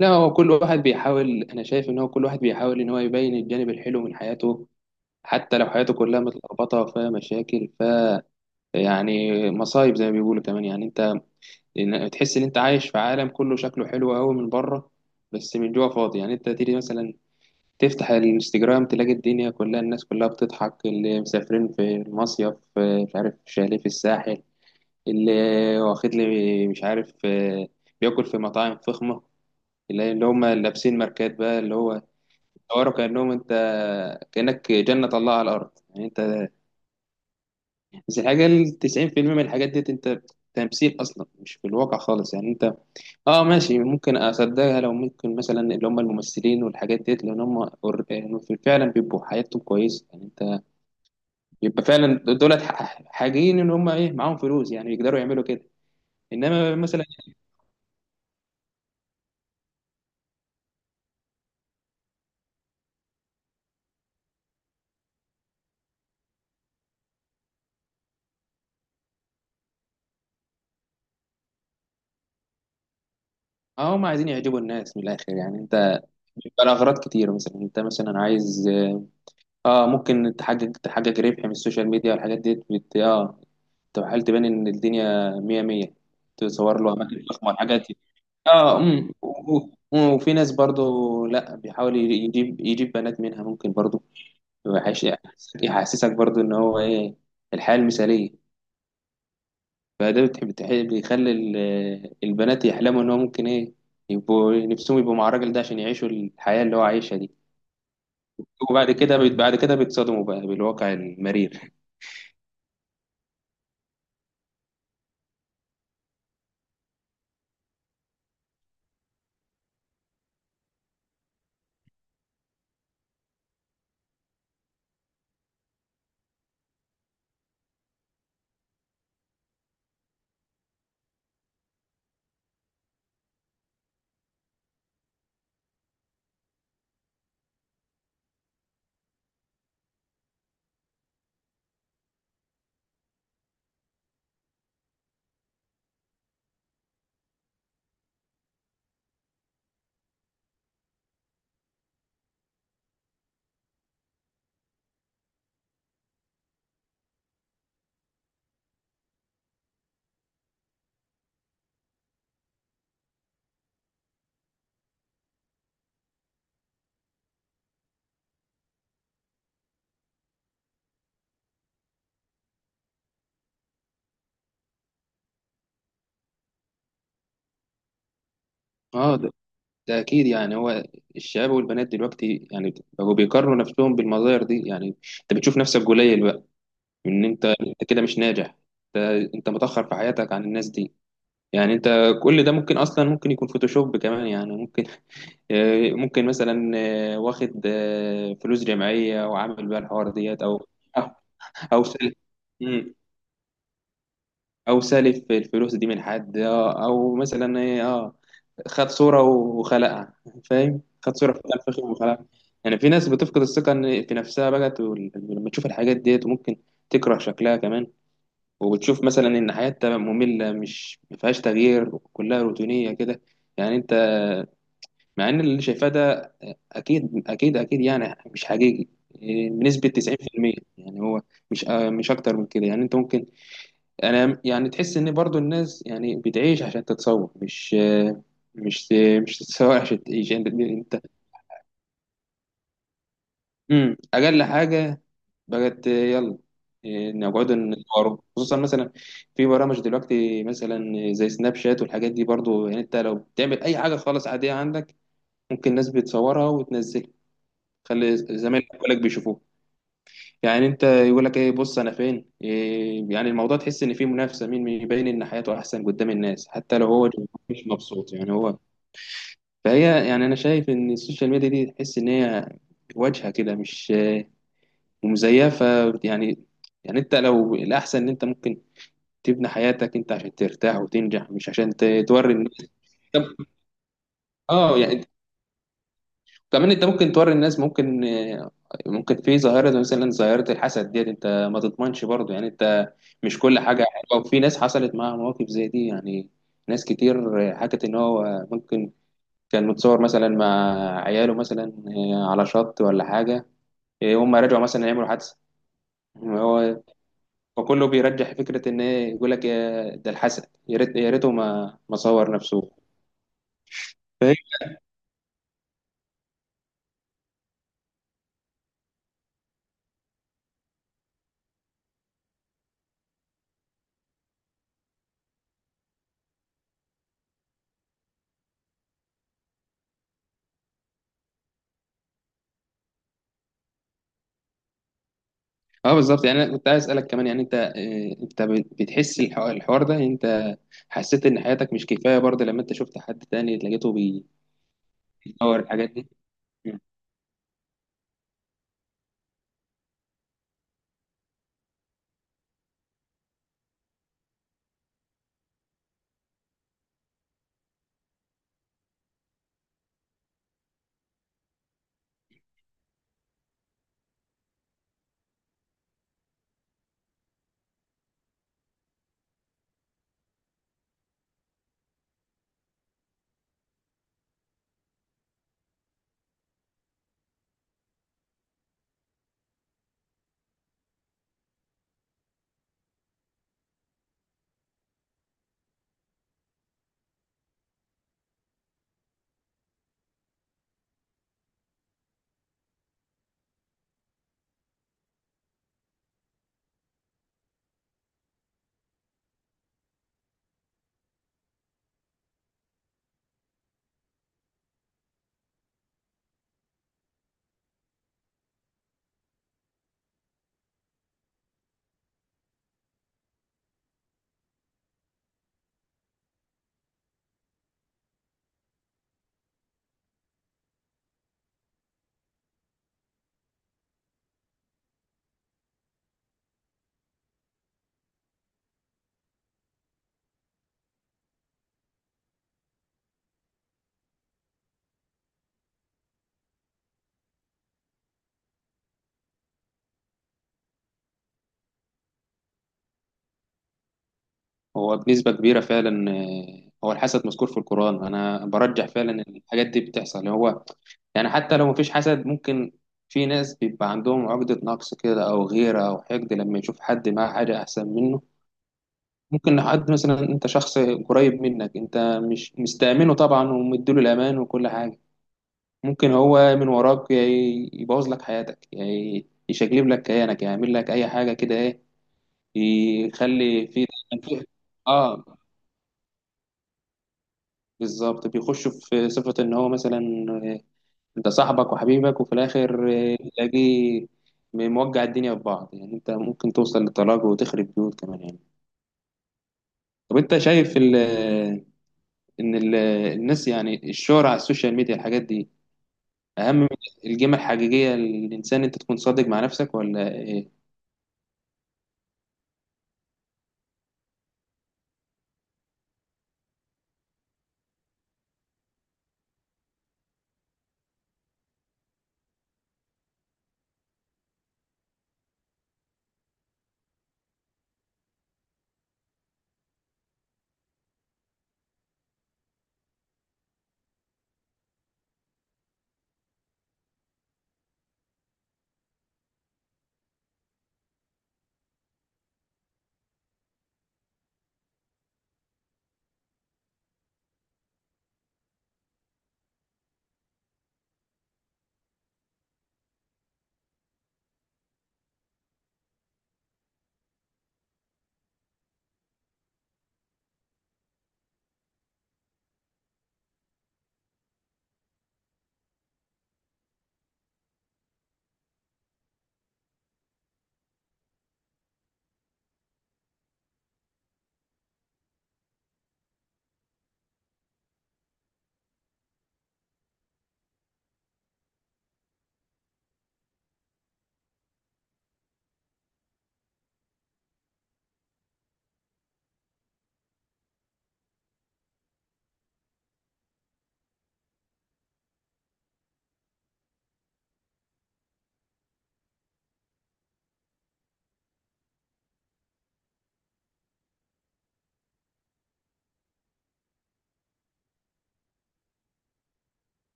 لا، هو كل واحد بيحاول. انا شايف ان هو كل واحد بيحاول ان هو يبين الجانب الحلو من حياته، حتى لو حياته كلها متلخبطه وفيها مشاكل. يعني مصايب زي ما بيقولوا، كمان يعني انت تحس ان انت عايش في عالم كله شكله حلو قوي من بره، بس من جوه فاضي. يعني انت تيجي مثلا تفتح الانستجرام، تلاقي الدنيا كلها، الناس كلها بتضحك، اللي مسافرين في المصيف، مش عارف شاليه في الساحل، اللي واخد لي مش عارف، بياكل في مطاعم فخمه، اللي هم لابسين ماركات، بقى اللي هو صوروا كأنهم انت، كأنك جنة الله على الأرض يعني انت. بس الحاجة ال 90% من الحاجات ديت انت تمثيل أصلا، مش في الواقع خالص يعني انت. اه ماشي، ممكن أصدقها لو ممكن مثلا اللي هم الممثلين والحاجات ديت، لأن هم يعني فعلا بيبقوا حياتهم كويسة يعني انت، بيبقى فعلا دولت حاجين ان هم ايه معاهم فلوس، يعني يقدروا يعملوا كده. انما مثلا اه هم عايزين يعجبوا الناس من الآخر يعني انت. بيبقى الأغراض كتير، مثلا انت مثلا عايز اه ممكن تحقق ربح من السوشيال ميديا والحاجات دي بت... اه تحاول تبان ان الدنيا مية مية، تصور له اماكن فخمه الحاجات دي. اه امم، وفي ناس برضو لا، بيحاول يجيب بنات منها ممكن برضو. وحش- يحسسك برضو ان هو ايه، الحياه المثاليه. فده بيخلي البنات يحلموا ان هو ممكن ايه يبقوا نفسهم يبقوا مع الراجل ده عشان يعيشوا الحياه اللي هو عايشها دي. وبعد كده بعد كده بيتصدموا بقى بالواقع المرير. اه، ده أكيد يعني هو الشباب والبنات دلوقتي يعني بقوا بيقارنوا نفسهم بالمظاهر دي، يعني أنت بتشوف نفسك قليل بقى، إن أنت كده مش ناجح، أنت أنت متأخر في حياتك عن الناس دي. يعني أنت كل ده ممكن أصلا ممكن يكون فوتوشوب كمان، يعني ممكن، ممكن مثلا، واخد فلوس جمعية وعامل بيها الحوار ديت، أو أو أو سل- او سالف الفلوس دي من حد اه، او مثلا ايه اه، خد صوره وخلقها، فاهم، خد صوره في الفخذ وخلقها. يعني في ناس بتفقد الثقه في نفسها بقت، لما تشوف الحاجات ديت وممكن تكره شكلها كمان، وبتشوف مثلا ان حياتها ممله مش ما فيهاش تغيير، كلها روتينيه كده يعني انت، مع ان اللي شايفاه ده اكيد اكيد اكيد يعني مش حقيقي، بنسبه 90% يعني هو، مش مش اكتر من كده يعني انت ممكن. انا يعني تحس ان برضو الناس يعني بتعيش عشان تتصور، مش مش تتصور عشان تعيش انت انت. امم، اقل حاجه بقت يلا نقعد نصوره، خصوصا مثلا في برامج دلوقتي مثلا زي سناب شات والحاجات دي برضو، يعني انت لو بتعمل اي حاجه خالص عاديه عندك، ممكن الناس بتصورها وتنزلها، خلي زمايلك كلك بيشوفوها. يعني انت يقول لك ايه، بص انا فين إيه، يعني الموضوع تحس ان فيه منافسه مين يبين ان حياته احسن قدام الناس حتى لو هو مش مبسوط يعني هو. فهي يعني انا شايف ان السوشيال ميديا دي تحس ان هي واجهه كده مش، مزيفه يعني. يعني انت لو الاحسن ان انت ممكن تبني حياتك انت عشان ترتاح وتنجح مش عشان توري الناس. طب اه يعني كمان انت ممكن توري الناس ممكن، ممكن في ظاهرة زي مثلا ظاهرة الحسد ديت، انت ما تضمنش برضه يعني انت، مش كل حاجة حلوة، وفي ناس حصلت معاها مواقف زي دي يعني، ناس كتير حكت ان هو ممكن كان متصور مثلا مع عياله مثلا على شط ولا حاجة، هم رجعوا مثلا يعملوا حادثة هو، وكله بيرجح فكرة ان ايه، يقول لك يا ده الحسد، يا ريت يا ريته ما صور نفسه، فاهم؟ اه بالظبط. يعني انا كنت عايز اسالك كمان يعني انت، انت بتحس الحوار ده يعني انت، حسيت ان حياتك مش كفايه برضه لما انت شفت حد تاني لقيته بيدور الحاجات دي. مم. هو بنسبه كبيره فعلا، هو الحسد مذكور في القران، انا برجح فعلا ان الحاجات دي بتحصل هو، يعني حتى لو مفيش حسد ممكن في ناس بيبقى عندهم عقده نقص كده، او غيره، او حقد لما يشوف حد معاه حاجه احسن منه. ممكن حد مثلا انت شخص قريب منك انت مش مستأمنه طبعا ومديله الامان وكل حاجه، ممكن هو من وراك يبوظ لك حياتك، يعني يشقلب لك كيانك، يعمل لك اي حاجه كده ايه، يخلي في دايما في- اه بالظبط، بيخش في صفه ان هو مثلا، آه، انت صاحبك وحبيبك، وفي الاخر تلاقيه موجع الدنيا في بعض، يعني انت ممكن توصل للطلاق وتخرب بيوت كمان يعني. طب انت شايف ان ال- الناس يعني الشهرة على السوشيال ميديا الحاجات دي اهم من القيمه الحقيقيه للانسان، انت تكون صادق مع نفسك ولا؟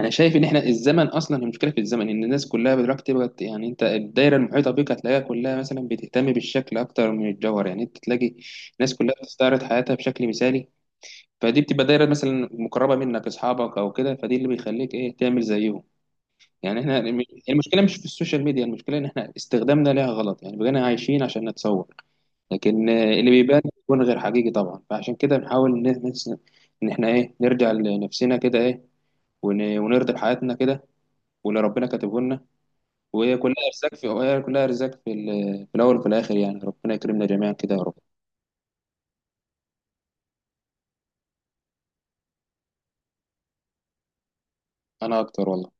انا شايف ان احنا الزمن اصلا، المشكله في الزمن ان الناس كلها دلوقتي بقت يعني انت الدايره المحيطه بيك هتلاقيها كلها مثلا بتهتم بالشكل اكتر من الجوهر، يعني انت تلاقي الناس كلها بتستعرض حياتها بشكل مثالي، فدي بتبقى دايره مثلا مقربه منك اصحابك او كده، فدي اللي بيخليك ايه تعمل زيهم. يعني احنا المشكله مش في السوشيال ميديا، المشكله ان احنا استخدامنا ليها غلط، يعني بقينا عايشين عشان نتصور، لكن اللي بيبان بيكون غير حقيقي طبعا، فعشان كده بنحاول ان احنا ايه نرجع لنفسنا كده ايه، ونرضي بحياتنا كده، واللي ربنا كاتبه لنا. وهي كلها ارزاق في، في الاول وفي الاخر، يعني ربنا يكرمنا جميعا كده يا رب. انا اكتر والله.